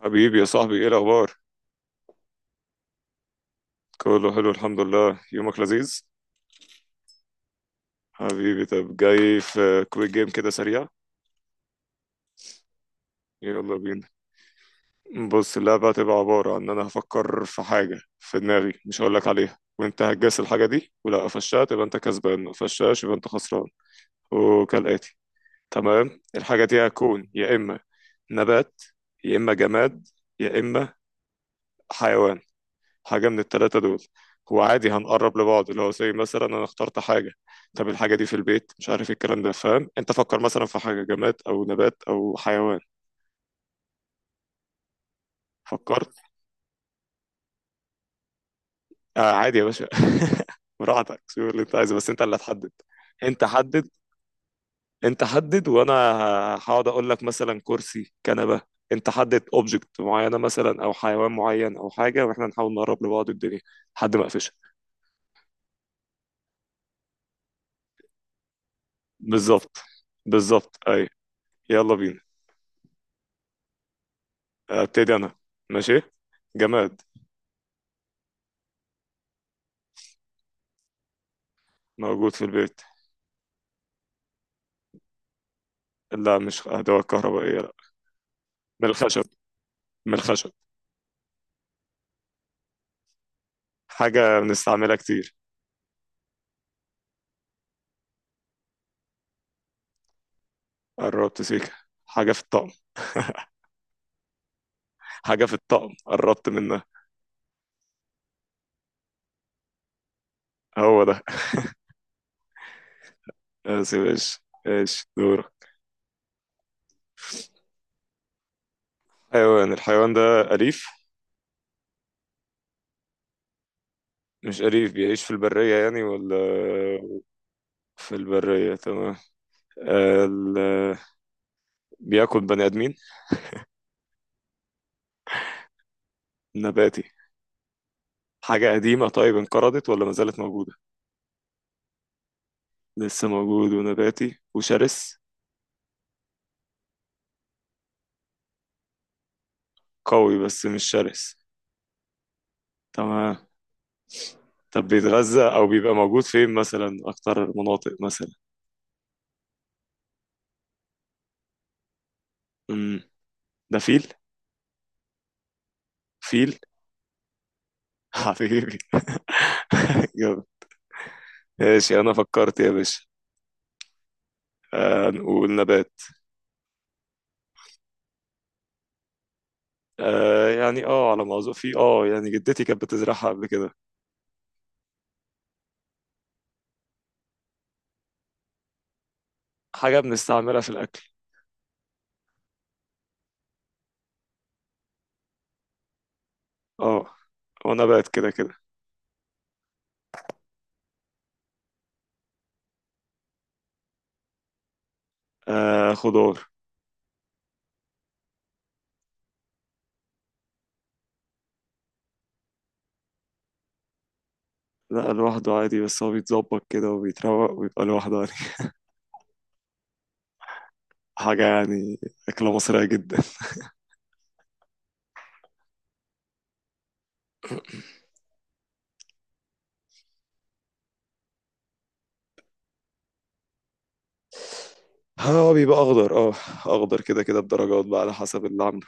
حبيبي يا صاحبي، ايه الاخبار؟ كله حلو الحمد لله، يومك لذيذ. حبيبي، طب جاي في كويك جيم كده سريع؟ يلا بينا. بص، اللعبة هتبقى عبارة عن ان انا هفكر في حاجة في دماغي مش هقولك عليها، وانت هتجاس الحاجة دي ولا قفشتها تبقى انت كسبان، ما قفشتهاش يبقى انت خسران، وكالآتي. تمام، الحاجة دي هتكون يا اما نبات، يا اما جماد، يا اما حيوان. حاجة من التلاتة دول. هو عادي هنقرب لبعض، اللي هو زي مثلا أنا اخترت حاجة. طب الحاجة دي في البيت، مش عارف ايه الكلام ده، فاهم؟ أنت فكر مثلا في حاجة جماد أو نبات أو حيوان. فكرت؟ آه عادي يا باشا. براحتك، شوف اللي أنت عايزه، بس أنت اللي هتحدد. أنت حدد. أنت حدد وأنا هقعد أقول لك مثلا كرسي، كنبة. أنت حدد أوبجكت معينة مثلا، أو حيوان معين أو حاجة، وإحنا نحاول نقرب لبعض الدنيا لحد ما أقفشها. بالظبط. بالظبط، أيوه. يلا بينا. ابتدي انا. ماشي. جماد. موجود في البيت. لا، مش ادوات كهربائيه، لا. من الخشب. من الخشب. حاجه بنستعملها كتير. قربت سيكه. حاجه في الطقم. حاجه في الطقم، قربت منها. هو ده. بس ايش. ايش دورك؟ حيوان. الحيوان ده أليف؟ مش أليف، بيعيش في البرية يعني ولا؟ في البرية، تمام. ال... بياكل بني آدمين؟ نباتي؟ حاجة قديمة طيب، انقرضت ولا ما زالت موجودة؟ لسه موجود، ونباتي وشرس؟ قوي بس مش شرس. تمام. طب بيتغذى او بيبقى موجود فين مثلا؟ اكتر مناطق مثلا؟ امم ده فيل. فيل. حبيبي. جامد. ماشي، انا فكرت يا باشا. آه، نقول نبات. آه، يعني على ما اظن في يعني جدتي كانت بتزرعها قبل كده. حاجه بنستعملها في الاكل. اه. ونبات كده كده. آه، خضار. لا، لوحده عادي، بس هو بيتظبط كده وبيتروق ويبقى لوحده يعني. حاجه يعني، اكله مصريه جدا. هو بيبقى اخضر، اه. اخضر كده كده بدرجات بقى، على حسب اللي عامله.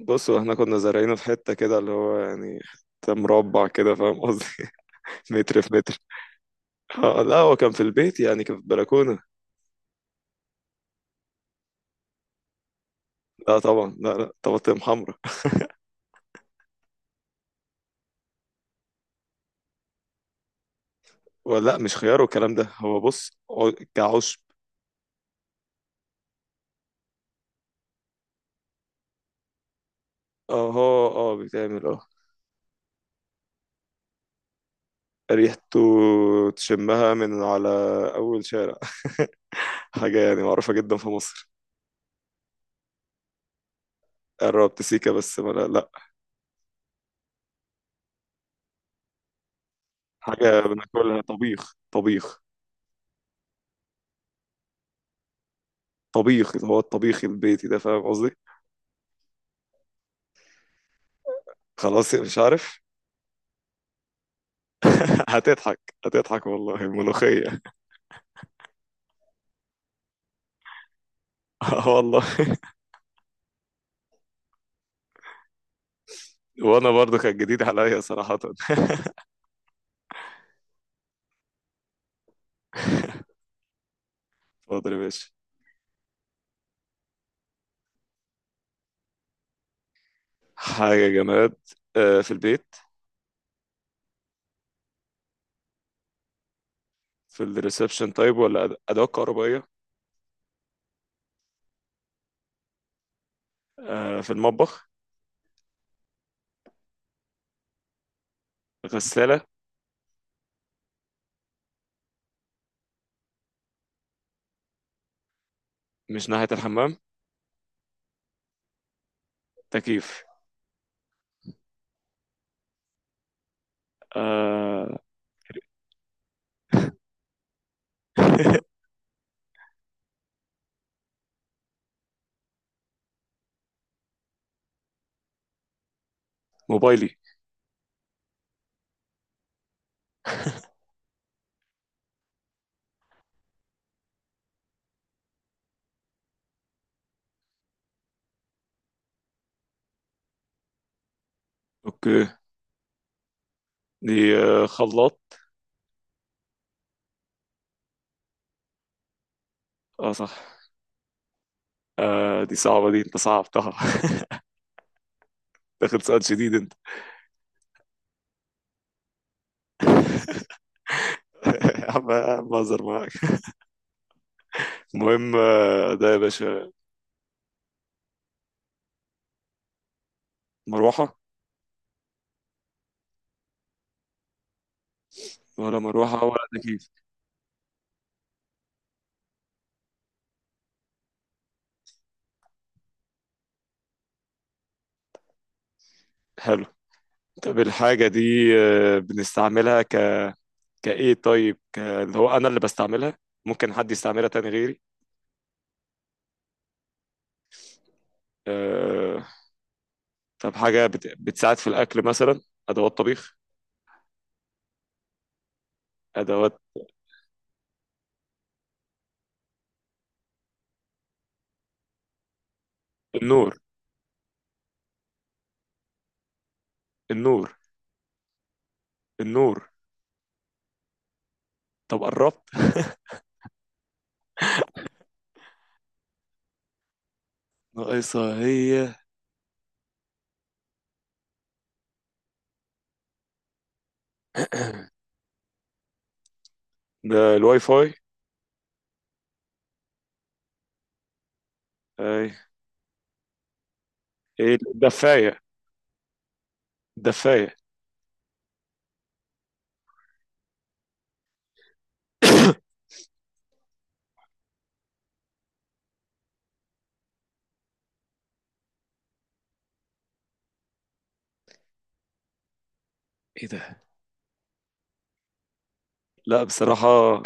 بص، هو احنا كنا زارعينه في حته كده اللي هو يعني حته مربع كده، فاهم قصدي؟ متر في متر. اه لا، هو كان في البيت يعني، كان في البلكونه. لا طبعا، لا لا طماطم حمرا. ولا لا، مش خيار والكلام ده، هو بص، كعشب. اه، اه، اه، بيتعمل اه. ريحته تشمها من على اول شارع. حاجه يعني معروفه جدا في مصر. قربت سيكا بس ما... لا، لا. حاجه بناكلها، طبيخ طبيخ. طبيخ، اللي هو الطبيخ البيتي ده، فاهم قصدي؟ خلاص يعني، مش عارف. هتضحك هتضحك والله ملوخية. آه والله. وانا برضو كانت جديدة عليا صراحة. اتفضل يا باشا. حاجة جماد. آه، في البيت؟ في الريسبشن طيب؟ ولا أدوات كهربائية؟ آه، في المطبخ؟ غسالة؟ مش ناحية الحمام؟ تكييف؟ آه، موبايلي؟ اوكي. دي آه، خلاط؟ اه صح. آه، دي صعبة، دي انت صعبتها. داخل سؤال شديد انت. يا عم يا عم، بهزر معاك. المهم آه، ده يا باشا. مروحة؟ ولا مروحة ولا تكييف. حلو. طب الحاجة دي آه، بنستعملها ك... كإيه طيب؟ ك... اللي هو أنا اللي بستعملها، ممكن حد يستعملها تاني غيري؟ آه... طب حاجة بتساعد في الأكل مثلا؟ أدوات طبيخ؟ أدوات. النور؟ النور. النور؟ طب قربت؟ ناقصة هي. ده الواي فاي؟ أي. ايه، الدفاية؟ الدفاية. ايه ده؟ لا بصراحة،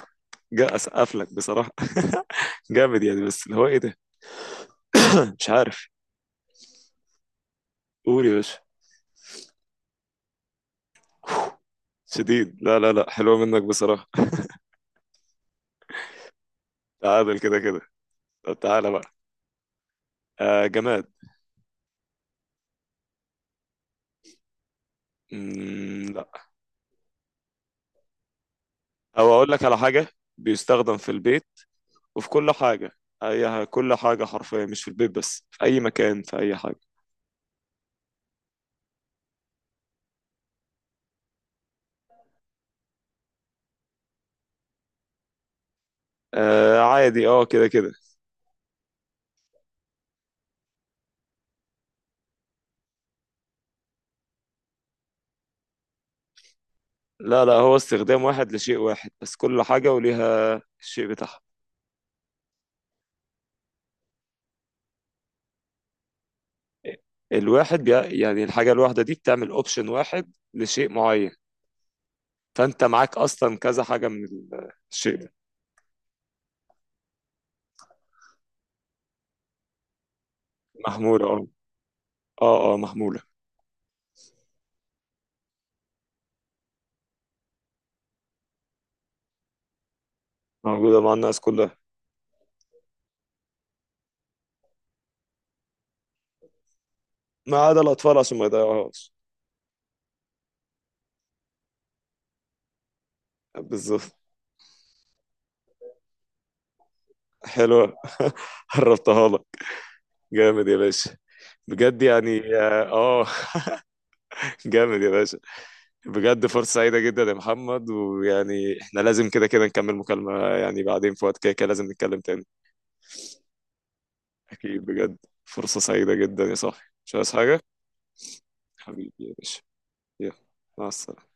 جا اسقف لك بصراحه. جامد يعني، بس اللي هو ايه ده؟ مش عارف. قول يا باشا. شديد. لا لا لا، حلوه منك بصراحه. تعادل كده كده. طب تعالى بقى. آه، جماد. مم، لا. او اقول لك على حاجه، بيستخدم في البيت وفي كل حاجه، اي كل حاجه حرفيا، مش في البيت بس، في اي مكان في اي حاجه. آه عادي، اه كده كده. لا لا، هو استخدام واحد لشيء واحد بس، كل حاجه وليها الشيء بتاعها. الواحد بي... يعني الحاجه الواحده دي بتعمل اوبشن واحد لشيء معين، فانت معاك اصلا كذا حاجه من الشيء ده. محموله، اه. اه، اه، محموله. موجوده مع الناس كلها، ما عدا الاطفال عشان ما يضيعوهاش. بالظبط. حلوه. قربتها لك. جامد يا باشا، بجد يعني، اه. آه، جامد يا باشا. بجد، فرصه سعيده جدا يا محمد، ويعني احنا لازم كده كده نكمل مكالمه يعني بعدين، في وقت كده كده لازم نتكلم تاني. اكيد بجد. فرصه سعيده جدا يا صاحبي، مش عايز حاجه. حبيبي يا باشا. يلا. مع السلامه.